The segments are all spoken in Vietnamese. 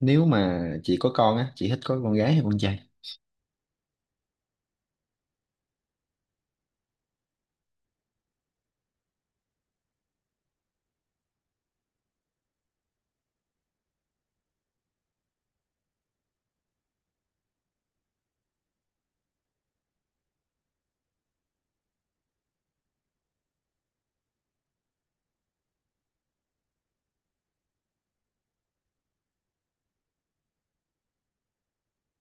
Nếu mà chị có con á, chị thích có con gái hay con trai?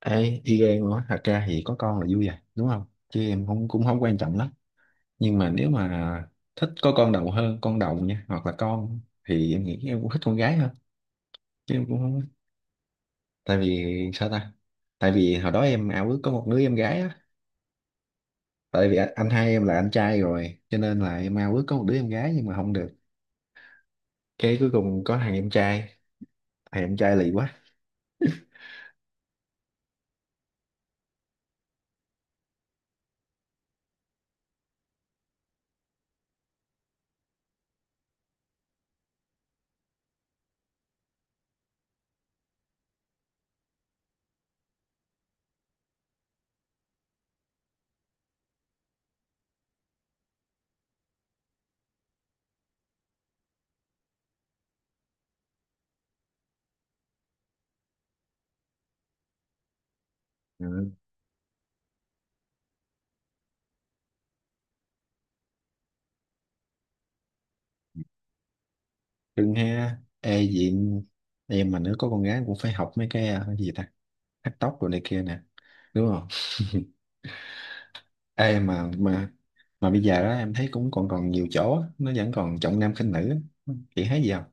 Ê, y gan nữa, thật ra thì có con là vui rồi đúng không, chứ em không cũng không quan trọng lắm. Nhưng mà nếu mà thích có con đầu hơn con đồng nha, hoặc là con thì em nghĩ em cũng thích con gái hơn, chứ em cũng không. Tại vì sao ta? Tại vì hồi đó em ao ước có một đứa em gái á. Tại vì anh hai em là anh trai rồi cho nên là em ao ước có một đứa em gái nhưng mà không được. Cái cuối cùng có thằng em trai, thằng em trai lì quá. Ừ. Cưng ha. Ê gì, em mà nếu có con gái cũng phải học mấy cái, cái gì ta, cắt tóc rồi này kia nè, đúng không? Ê mà mà bây giờ đó em thấy cũng còn còn nhiều chỗ á, nó vẫn còn trọng nam khinh nữ á. Chị thấy gì không?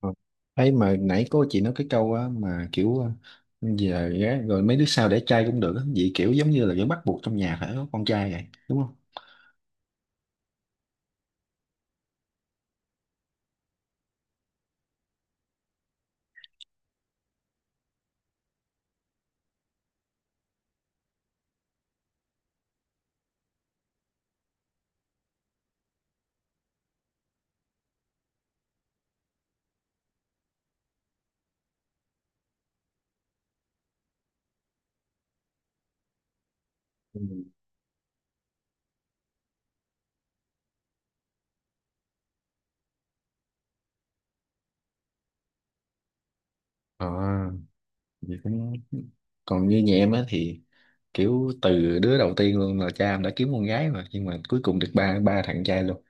Ừ. Thấy mà nãy cô chị nói cái câu á, mà kiểu giờ gái rồi mấy đứa sau để trai cũng được á. Vậy kiểu giống như là vẫn bắt buộc trong nhà phải có con trai vậy, đúng không? Ừ. Ờ, vậy cũng còn như nhà em á thì kiểu từ đứa đầu tiên luôn là cha em đã kiếm con gái mà, nhưng mà cuối cùng được ba ba thằng trai luôn.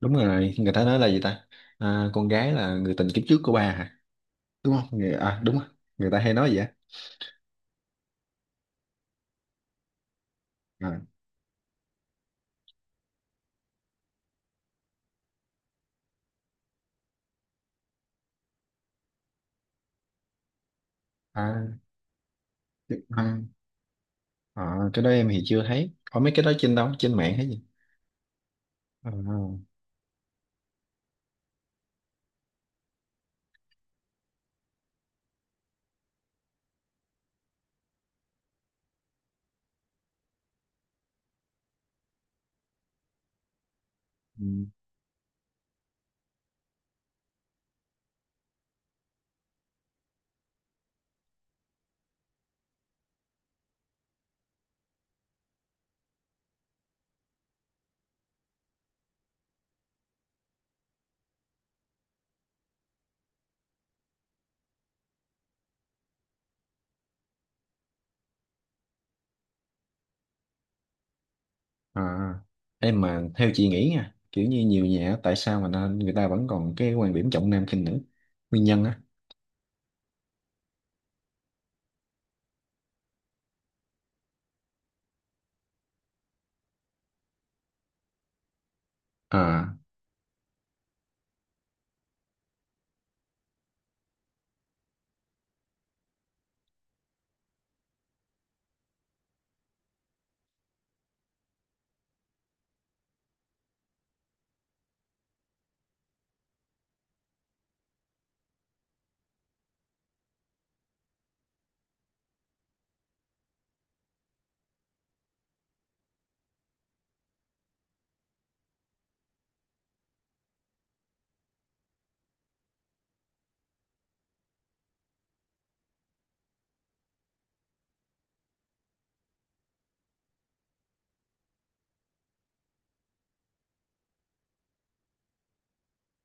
Đúng rồi, người ta nói là gì ta, à, con gái là người tình kiếp trước của ba hả? Đúng không người, à đúng rồi, người ta hay nói vậy á. À, à, à, à, cái đó em thì chưa thấy có mấy cái đó trên đâu, trên mạng hay gì. À, ừ. À, em mà theo chị nghĩ nha, kiểu như nhiều nhà á, tại sao mà nó- người ta vẫn còn cái quan điểm trọng nam khinh nữ, nguyên nhân á? À,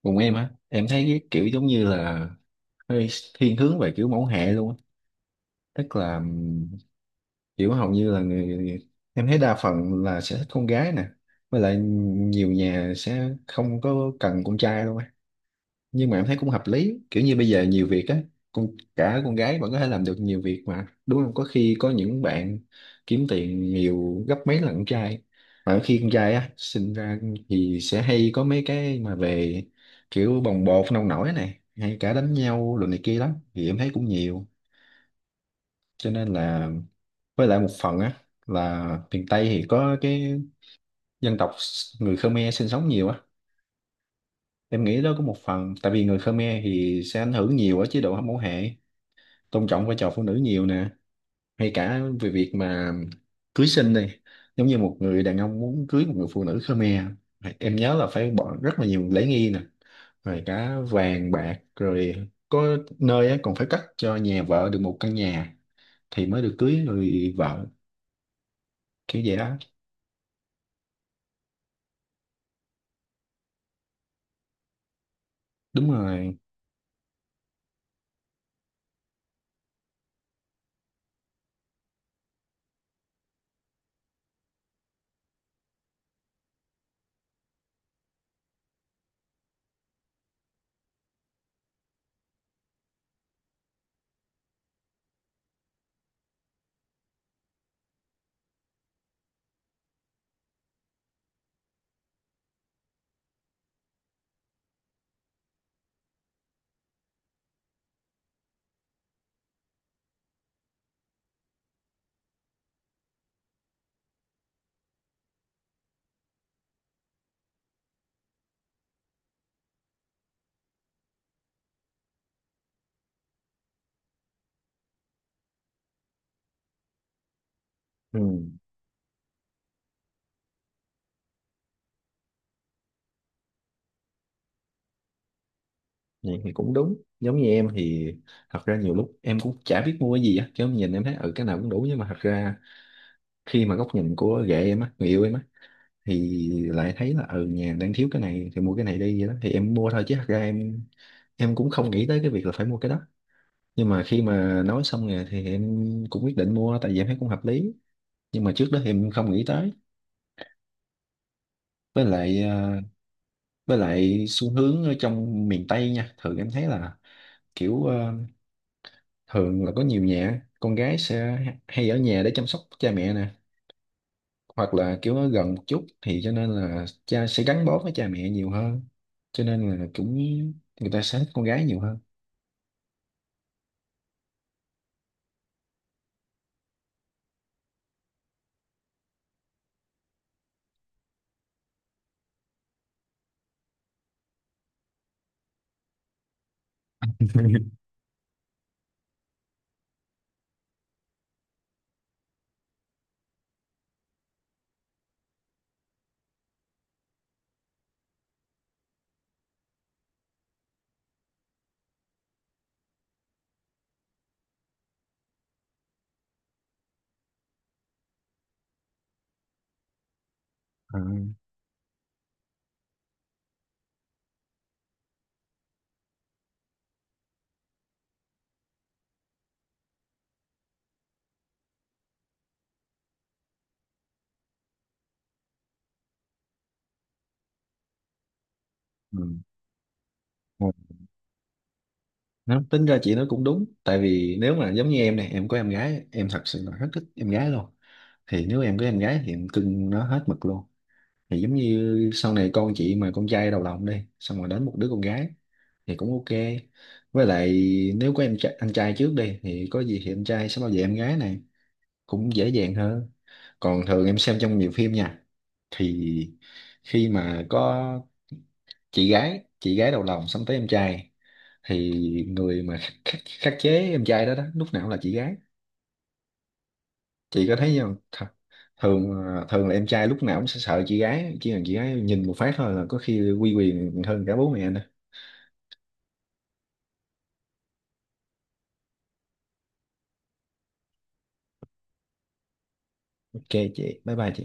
cùng em á, em thấy cái kiểu giống như là hơi thiên hướng về kiểu mẫu hệ luôn á. Tức là kiểu hầu như là người em thấy đa phần là sẽ thích con gái nè. Với lại nhiều nhà sẽ không có cần con trai luôn á, nhưng mà em thấy cũng hợp lý, kiểu như bây giờ nhiều việc á, con cả con gái vẫn có thể làm được nhiều việc mà, đúng không, có khi có những bạn kiếm tiền nhiều gấp mấy lần con trai. Mà khi con trai á sinh ra thì sẽ hay có mấy cái mà về kiểu bồng bột nông nổi này, hay cả đánh nhau rồi này kia lắm, thì em thấy cũng nhiều, cho nên là với lại một phần á là miền Tây thì có cái dân tộc người Khmer sinh sống nhiều á. Em nghĩ đó có một phần tại vì người Khmer thì sẽ ảnh hưởng nhiều ở chế độ hâm mẫu hệ, tôn trọng vai trò phụ nữ nhiều nè, hay cả về việc mà cưới xin đi, giống như một người đàn ông muốn cưới một người phụ nữ Khmer, em nhớ là phải bỏ rất là nhiều lễ nghi nè, rồi cả vàng bạc, rồi có nơi á, còn phải cắt cho nhà vợ được một căn nhà thì mới được cưới người vợ, kiểu vậy đó. Đúng rồi, ừ, vậy thì cũng đúng. Giống như em thì thật ra nhiều lúc em cũng chả biết mua cái gì á, chứ em nhìn em thấy ừ cái nào cũng đủ, nhưng mà thật ra khi mà góc nhìn của ghệ em á, người yêu em á, thì lại thấy là ừ nhà đang thiếu cái này thì mua cái này đi, vậy đó thì em mua thôi, chứ thật ra em cũng không nghĩ tới cái việc là phải mua cái đó. Nhưng mà khi mà nói xong rồi thì em cũng quyết định mua, tại vì em thấy cũng hợp lý, nhưng mà trước đó thì em không nghĩ tới. Với lại với lại xu hướng ở trong miền Tây nha, thường em thấy là kiểu thường là có nhiều nhà con gái sẽ hay ở nhà để chăm sóc cha mẹ nè, hoặc là kiểu nó gần một chút thì cho nên là cha sẽ gắn bó với cha mẹ nhiều hơn, cho nên là cũng người ta sẽ thích con gái nhiều hơn. À, ừ. Ừ. Nó tính ra chị nói cũng đúng, tại vì nếu mà giống như em này, em có em gái em thật sự là rất thích em gái luôn, thì nếu em có em gái thì em cưng nó hết mực luôn. Thì giống như sau này con chị mà con trai đầu lòng đi xong rồi đến một đứa con gái thì cũng ok. Với lại nếu có em trai, anh trai trước đi thì có gì thì anh trai sẽ bảo vệ em gái này, cũng dễ dàng hơn. Còn thường em xem trong nhiều phim nha, thì khi mà có chị gái đầu lòng sắm tới em trai, thì người mà khắc chế em trai đó đó lúc nào cũng là chị gái. Chị có thấy không Th? Thường ờ, thường là em trai lúc nào cũng sẽ sợ chị gái, chỉ cần chị gái nhìn một phát thôi là có khi quy quyền hơn cả bố mẹ nữa. Ok, chị bye bye chị.